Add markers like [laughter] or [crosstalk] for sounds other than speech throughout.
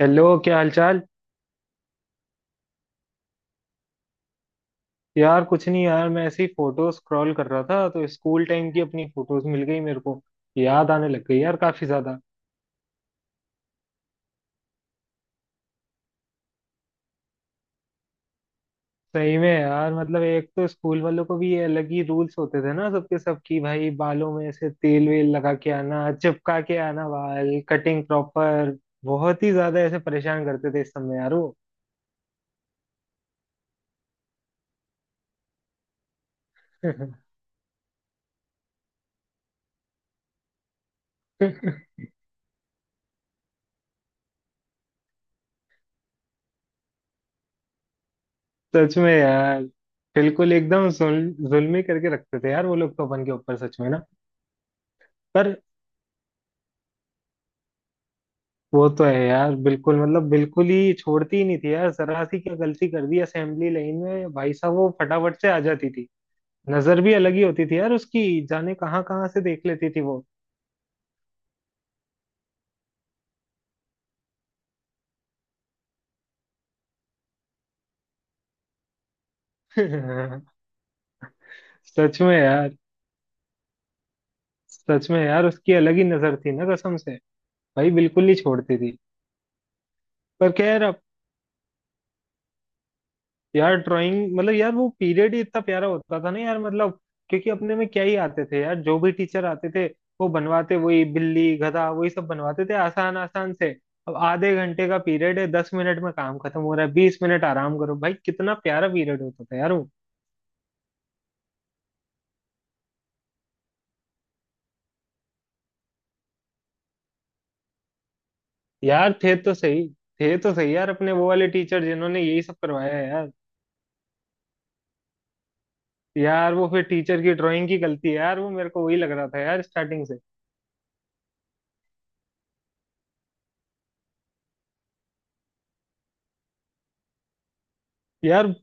Hello, क्या हालचाल। यार कुछ नहीं यार, मैं ऐसी फोटो स्क्रॉल कर रहा था तो स्कूल टाइम की अपनी फोटोज मिल गई मेरे को। याद आने लग गई यार काफी ज्यादा। सही में यार, मतलब एक तो स्कूल वालों को भी ये अलग ही रूल्स होते थे ना सबके, सब की भाई बालों में से तेल वेल लगा के आना, चिपका के आना, बाल कटिंग प्रॉपर। बहुत ही ज्यादा ऐसे परेशान करते थे इस समय यार वो। [laughs] सच में यार, बिल्कुल एकदम जुल्म ही करके रखते थे यार वो लोग तो अपन के ऊपर सच में ना। पर वो तो है यार, बिल्कुल मतलब बिल्कुल ही छोड़ती ही नहीं थी यार, जरा सी क्या गलती कर दी असेंबली लाइन में, भाई साहब वो फटाफट से आ जाती थी। नजर भी अलग ही होती थी यार उसकी, जाने कहाँ कहाँ से देख लेती थी वो। [laughs] सच में यार। सच में यार, उसकी अलग ही नजर थी ना कसम से। भाई बिल्कुल ही छोड़ती थी। पर खैर अब, यार ड्राइंग मतलब यार वो पीरियड ही इतना प्यारा होता था ना यार, मतलब क्योंकि अपने में क्या ही आते थे यार, जो भी टीचर आते थे वो बनवाते वही बिल्ली गधा, वही सब बनवाते थे आसान आसान से। अब आधे घंटे का पीरियड है, 10 मिनट में काम खत्म हो रहा है, 20 मिनट आराम करो भाई। कितना प्यारा पीरियड होता था यार वो। यार थे तो सही, थे तो सही यार अपने वो वाले टीचर जिन्होंने यही सब करवाया है यार। यार वो फिर टीचर की ड्राइंग की गलती है यार, वो मेरे को वही लग रहा था यार स्टार्टिंग से। यार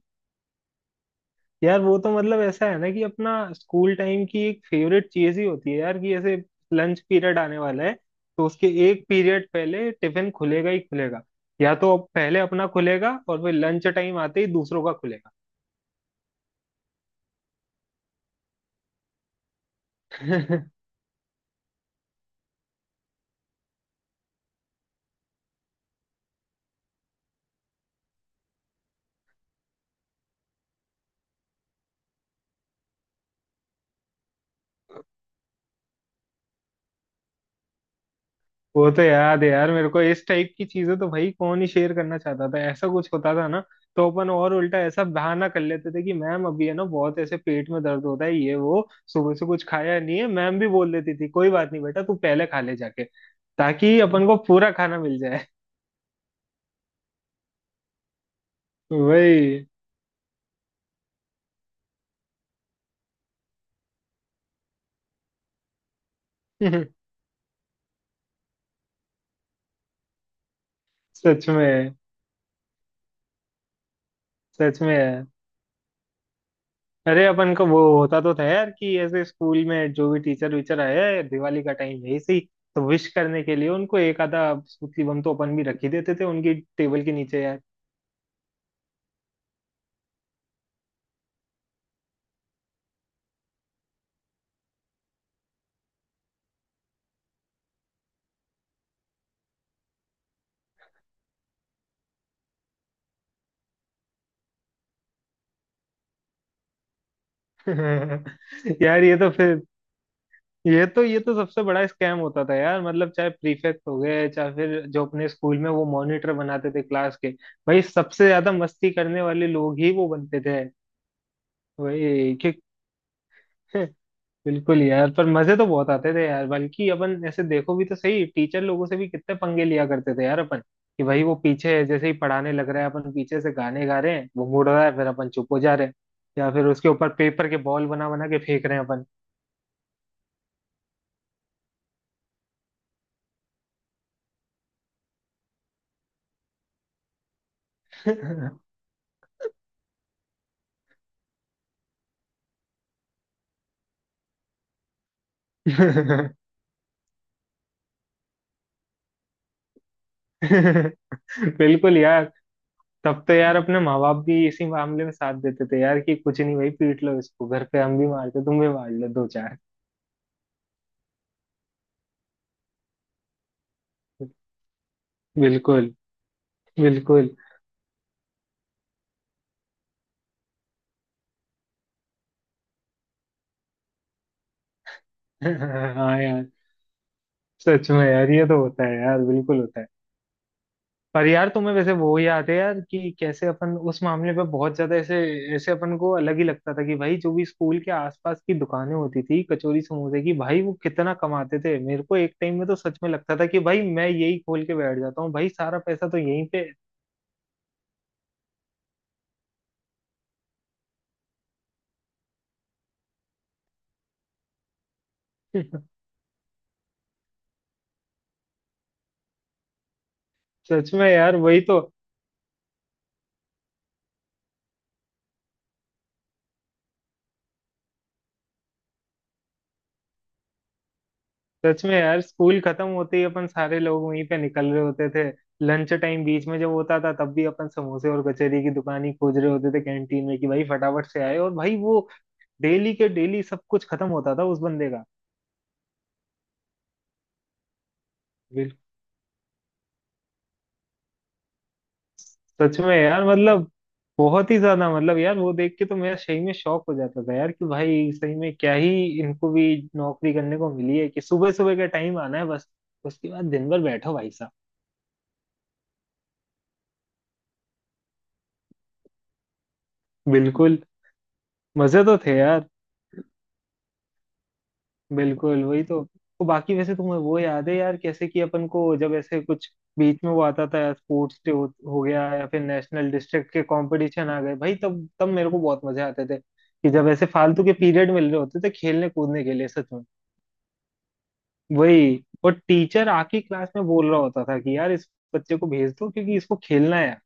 यार वो तो मतलब ऐसा है ना, कि अपना स्कूल टाइम की एक फेवरेट चीज ही होती है यार, कि ऐसे लंच पीरियड आने वाला है तो उसके एक पीरियड पहले टिफिन खुलेगा ही खुलेगा। या तो अब पहले अपना खुलेगा और फिर लंच टाइम आते ही दूसरों का खुलेगा। [laughs] वो तो याद है यार मेरे को, इस टाइप की चीजें तो भाई कौन ही शेयर करना चाहता था, ऐसा कुछ होता था ना। तो अपन और उल्टा ऐसा बहाना कर लेते थे कि मैम अभी है ना बहुत ऐसे पेट में दर्द होता है ये वो, सुबह से कुछ खाया नहीं है। मैम भी बोल देती थी कोई बात नहीं बेटा तू पहले खा ले जाके, ताकि अपन को पूरा खाना मिल जाए। वही। [laughs] सच में। सच में है। अरे अपन को वो होता तो था यार, कि ऐसे स्कूल में जो भी टीचर वीचर आए, दिवाली का टाइम है इसी तो विश करने के लिए उनको एक आधा स्मृति बम तो अपन भी रख ही देते थे उनकी टेबल के नीचे यार। [laughs] यार ये तो फिर, ये तो सबसे बड़ा स्कैम होता था यार, मतलब चाहे प्रीफेक्ट हो गए चाहे फिर जो अपने स्कूल में वो मॉनिटर बनाते थे क्लास के, भाई सबसे ज्यादा मस्ती करने वाले लोग ही वो बनते थे। भाई कि [laughs] बिल्कुल यार। पर मजे तो बहुत आते थे यार, बल्कि अपन ऐसे देखो भी तो सही, टीचर लोगों से भी कितने पंगे लिया करते थे यार अपन। कि भाई वो पीछे है, जैसे ही पढ़ाने लग रहा है अपन पीछे से गाने गा रहे हैं, वो मुड़ रहा है फिर अपन चुप हो जा रहे हैं। या फिर उसके ऊपर पेपर के बॉल बना बना के फेंक रहे हैं अपन। [laughs] बिल्कुल यार। तब तो यार अपने माँ बाप भी इसी मामले में साथ देते थे यार, कि कुछ नहीं भाई पीट लो इसको, घर पे हम भी मारते तुम भी मार लो दो चार। बिल्कुल, बिल्कुल। [laughs] हाँ यार। सच में यार, ये तो होता है यार, बिल्कुल होता है। पर यार तुम्हें वैसे वो याद है यार, कि कैसे अपन उस मामले पे बहुत ज्यादा ऐसे, ऐसे अपन को अलग ही लगता था कि भाई जो भी स्कूल के आसपास की दुकानें होती थी कचौरी समोसे की, भाई वो कितना कमाते थे। मेरे को एक टाइम में तो सच में लगता था कि भाई मैं यही खोल के बैठ जाता हूँ, भाई सारा पैसा तो यहीं पे। [laughs] सच में यार, वही तो। सच में यार, स्कूल खत्म होते ही अपन सारे लोग वहीं पे निकल रहे होते थे। लंच टाइम बीच में जब होता था तब भी अपन समोसे और कचौरी की दुकान ही खोज रहे होते थे कैंटीन में, कि भाई फटाफट से आए, और भाई वो डेली के डेली सब कुछ खत्म होता था उस बंदे का। बिल्कुल। सच में यार मतलब, बहुत ही ज्यादा मतलब यार वो देख के तो मेरा सही में शौक हो जाता था यार, कि भाई सही में क्या ही, इनको भी नौकरी करने को मिली है कि सुबह सुबह का टाइम आना है बस, उसके बाद दिन भर बैठो भाई साहब। बिल्कुल। मजे तो थे यार। बिल्कुल वही तो। वो बाकी वैसे तुम्हें वो याद है यार कैसे कि अपन को, जब ऐसे कुछ बीच में वो आता था यार स्पोर्ट्स डे हो गया, या फिर नेशनल डिस्ट्रिक्ट के कंपटीशन आ गए, भाई तब तब मेरे को बहुत मजे आते थे कि जब ऐसे फालतू के पीरियड मिल रहे होते थे खेलने कूदने के लिए सच में। वही, और टीचर आके क्लास में बोल रहा होता था कि यार इस बच्चे को भेज दो क्योंकि इसको खेलना है।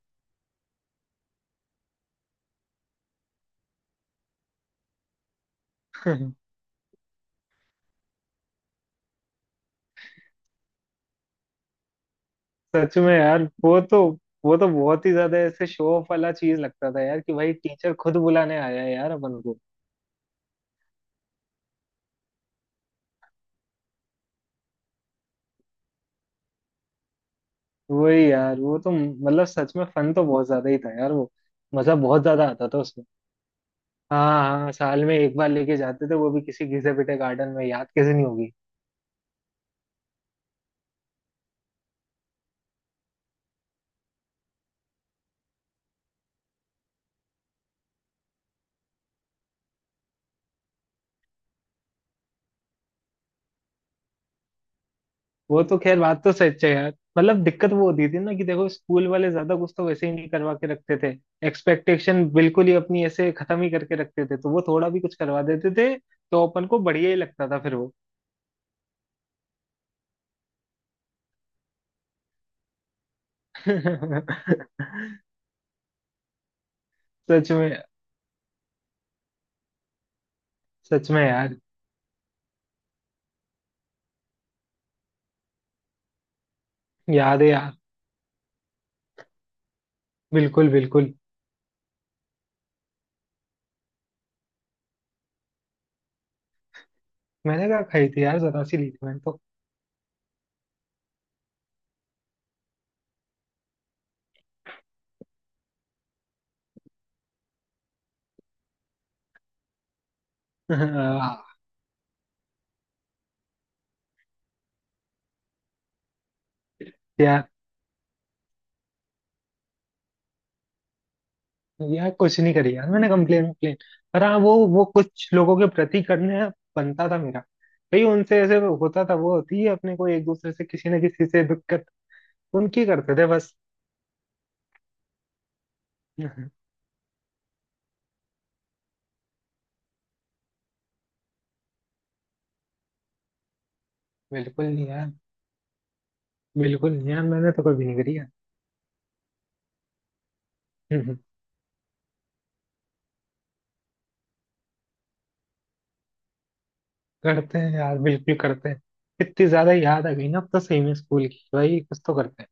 यार। [laughs] सच में यार वो तो, वो तो बहुत ही ज्यादा ऐसे शो ऑफ वाला चीज लगता था यार, कि भाई टीचर खुद बुलाने आया है यार अपन को। वही यार, वो तो मतलब सच में फन तो बहुत ज्यादा ही था यार वो। मजा बहुत ज्यादा आता था उसमें। हाँ हाँ, साल में एक बार लेके जाते थे वो भी किसी घिसे पिटे गार्डन में, याद कैसे नहीं होगी। वो तो खैर बात तो सच है यार, मतलब दिक्कत वो होती थी ना कि देखो, स्कूल वाले ज्यादा कुछ तो वैसे ही नहीं करवा के रखते थे, एक्सपेक्टेशन बिल्कुल ही अपनी ऐसे खत्म ही करके रखते थे, तो वो थोड़ा भी कुछ करवा देते थे तो अपन को बढ़िया ही लगता था फिर वो। [laughs] सच में। सच में यार, याद है यार, बिल्कुल बिल्कुल। मैंने कहा खाई थी यार, जरा सी ली थी मैंने तो। [laughs] हाँ। यार, यार कुछ नहीं करी यार मैंने कंप्लेन, कंप्लेन पर हाँ, वो कुछ लोगों के प्रति करने बनता था मेरा। भाई उनसे ऐसे होता था, वो होती है अपने को एक दूसरे से किसी ना किसी से दिक्कत, उनकी करते थे बस। [laughs] बिल्कुल नहीं यार। बिल्कुल नहीं यार, मैंने तो कभी नहीं करी यार। [laughs] करते हैं यार, बिल्कुल करते हैं। इतनी ज्यादा याद आ गई ना अब तो सही में स्कूल की, भाई कुछ तो करते हैं।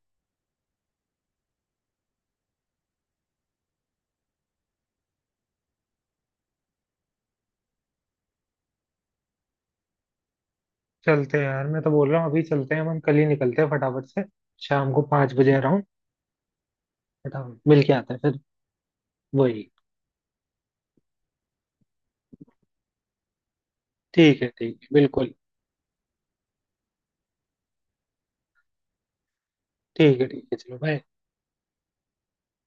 चलते हैं यार, मैं तो बोल रहा हूँ अभी चलते हैं, हम कल ही निकलते हैं फटाफट से। शाम को 5 बजे आ रहा हूँ। बट हम मिल के आते हैं फिर। वही। ठीक है, ठीक है, बिल्कुल। ठीक है ठीक है, चलो बाय।